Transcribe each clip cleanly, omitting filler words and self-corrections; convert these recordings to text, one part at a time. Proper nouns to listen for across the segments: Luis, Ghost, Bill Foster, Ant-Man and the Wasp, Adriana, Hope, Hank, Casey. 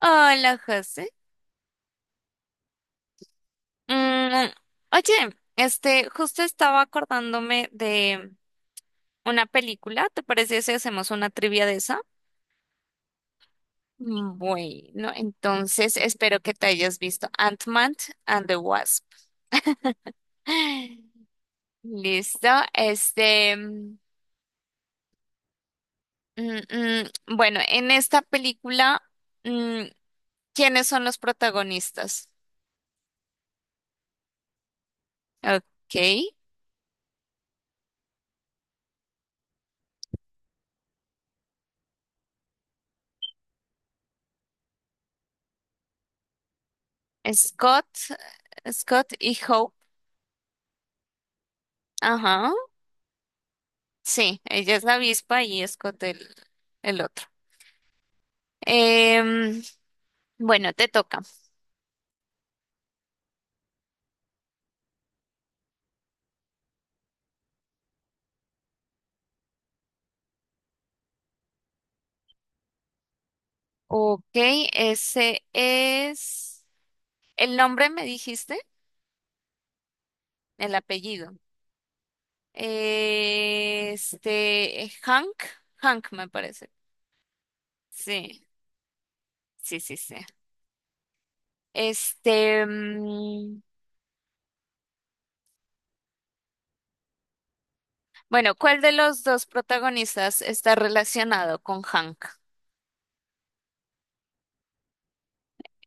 Hola, José. Mm, oye, justo estaba acordándome de una película. ¿Te parece si hacemos una trivia de esa? Bueno, entonces espero que te hayas visto Ant-Man and the Wasp. Listo. Este, mm, mm, bueno, en esta película, mm, ¿quiénes son los protagonistas? Ok, Scott, Scott y Hope. Ajá. Sí, ella es la avispa y Scott el otro. Em, bueno, te toca. Ok, ese es. El nombre me dijiste, el apellido. Este, Hank, Hank me parece. Sí, sí, sí, sí. Este, mm, bueno, ¿cuál de los dos protagonistas está relacionado con Hank?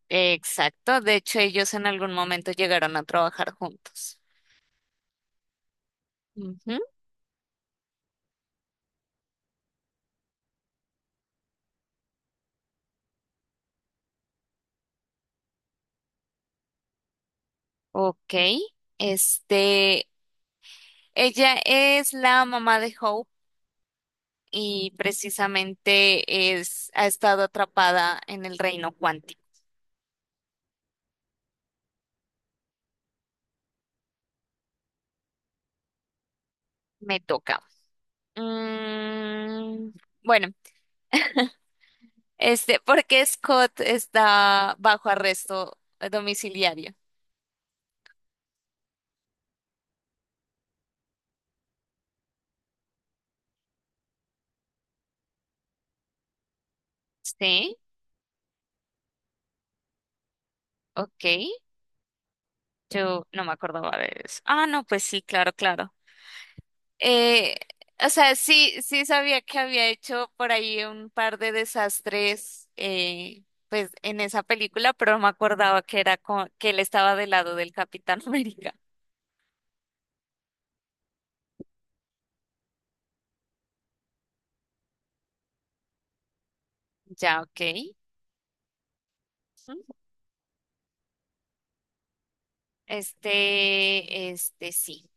Exacto, de hecho ellos en algún momento llegaron a trabajar juntos. Ok, este, ella es la mamá de Hope y precisamente ha estado atrapada en el reino cuántico. Me toca. Mm, bueno, ¿por qué Scott está bajo arresto domiciliario? Sí, ok, yo no me acordaba de eso. Ah, no, pues sí, claro, claro. Eh, o sea, sí, sí sabía que había hecho por ahí un par de desastres, pues en esa película, pero no me acordaba que era que él estaba del lado del Capitán América. Ya, ok. Ujú. Este sí.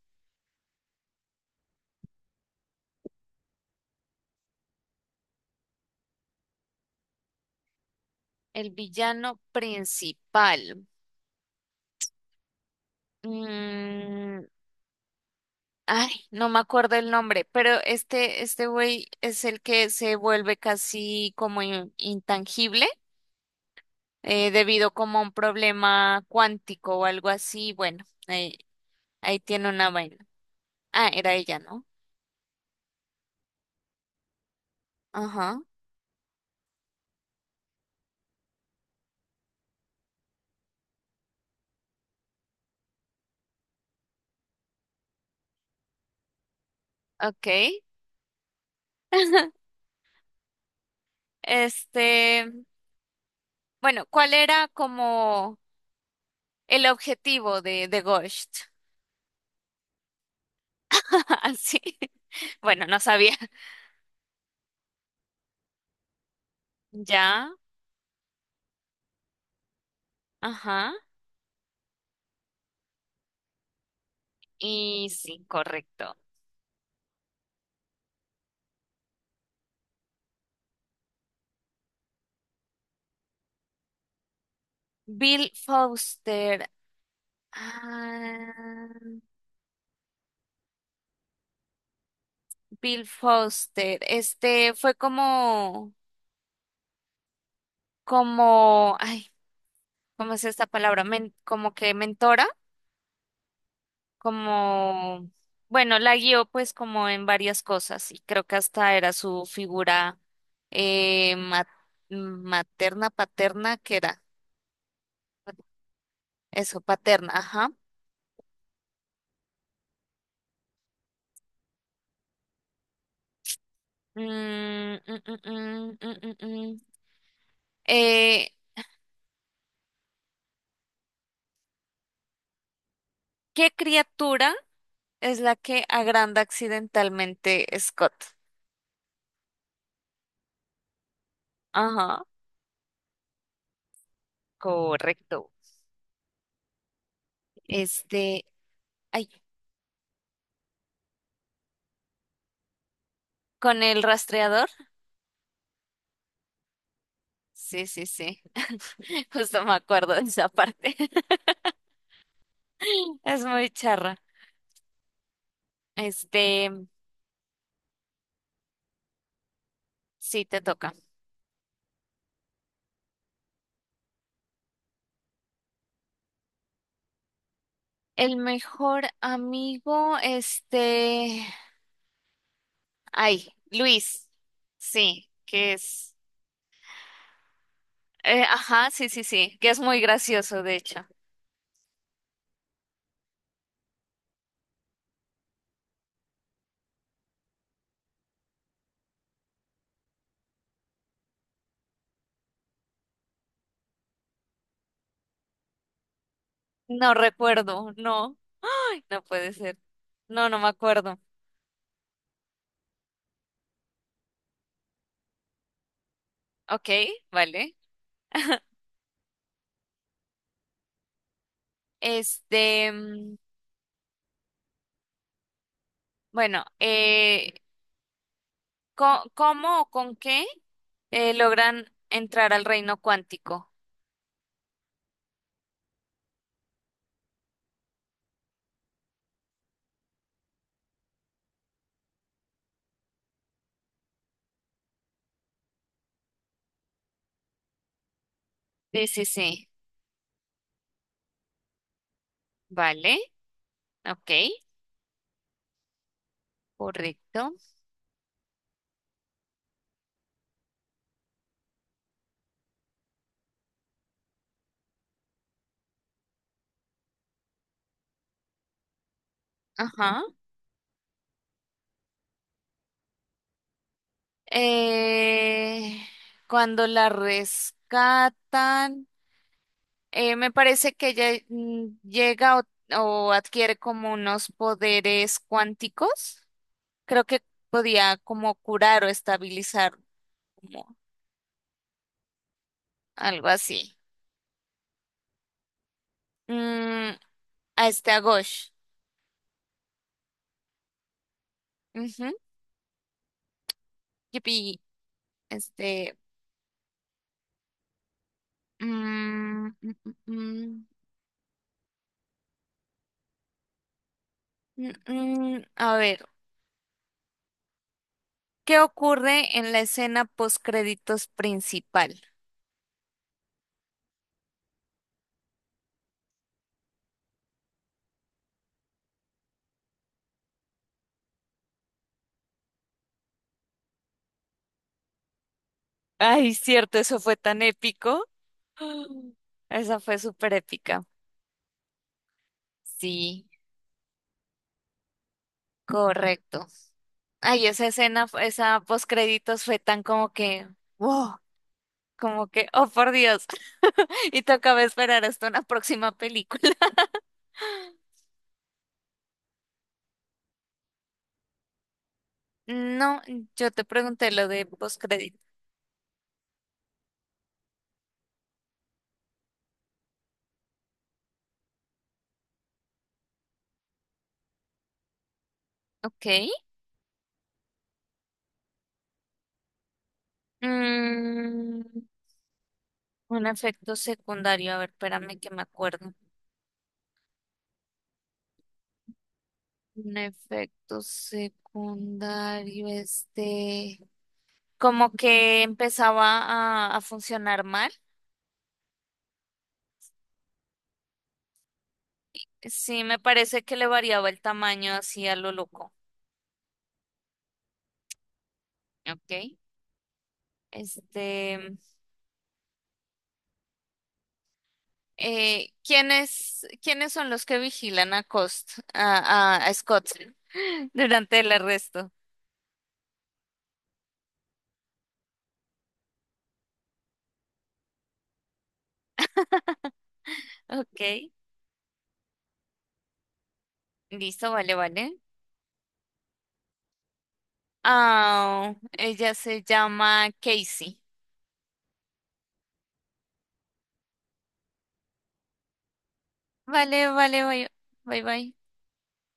El villano principal. Mm, Ay, no me acuerdo el nombre, pero este güey es el que se vuelve casi como intangible. Debido como a un problema cuántico o algo así. Bueno, ahí tiene una vaina. Ah, era ella, ¿no? Ajá, ok. Este, bueno, ¿cuál era como el objetivo de Ghost? Así. Bueno, no sabía. Ya, ajá. Y sí, correcto. Bill Foster. Ah, Bill Foster. Este fue como, ay, ¿cómo es esta palabra? Como que mentora, como, bueno, la guió pues como en varias cosas y creo que hasta era su figura eh, ma- materna, paterna, ¿que era? Eso, paterna, ajá. Mm, mm, mm, mm, mm, mm, mm. Eh, ¿Qué criatura es la que agranda accidentalmente Scott? Ajá, correcto. Este, Ay, con el rastreador. Sí, sí, sí. Justo me acuerdo de esa parte. Es muy charra. Este, sí, te toca. El mejor amigo, ay, Luis. Sí, que es, ajá, sí, sí, sí, que es muy gracioso, de hecho. No recuerdo, no. Ay, no puede ser. No, no me acuerdo. Ok, vale. Este, mm, bueno, ¿cómo o con qué? Logran entrar al reino cuántico. Sí, sí, sí. Vale, ok, correcto. Ajá. Eh, Cuando la rescatan, me parece que ella llega o adquiere como unos poderes cuánticos. Creo que podía como curar o estabilizar, como algo así. Mm, a Ghosh. Ujú. Yupi. Este. Mm, mm, mm, mm, mm, a ver, ¿qué ocurre en la escena post créditos principal? Ay, cierto, eso fue tan épico. Esa fue súper épica. Sí, correcto. Ay, esa escena, esa post créditos fue tan como que, wow, como que, oh por Dios, y tocaba esperar hasta una próxima película. No, yo te pregunté lo de post crédito. Ok. Mm, Un efecto secundario, a ver, espérame que me acuerdo. Un efecto secundario, como que empezaba a funcionar mal. Sí, me parece que le variaba el tamaño así a lo loco. Ok. Este, ¿Quiénes son los que vigilan a Cost, a Scott durante el arresto? Ok, listo, vale, vale. Ah, ella se llama Casey. Vale, vale, bye, bye, bye.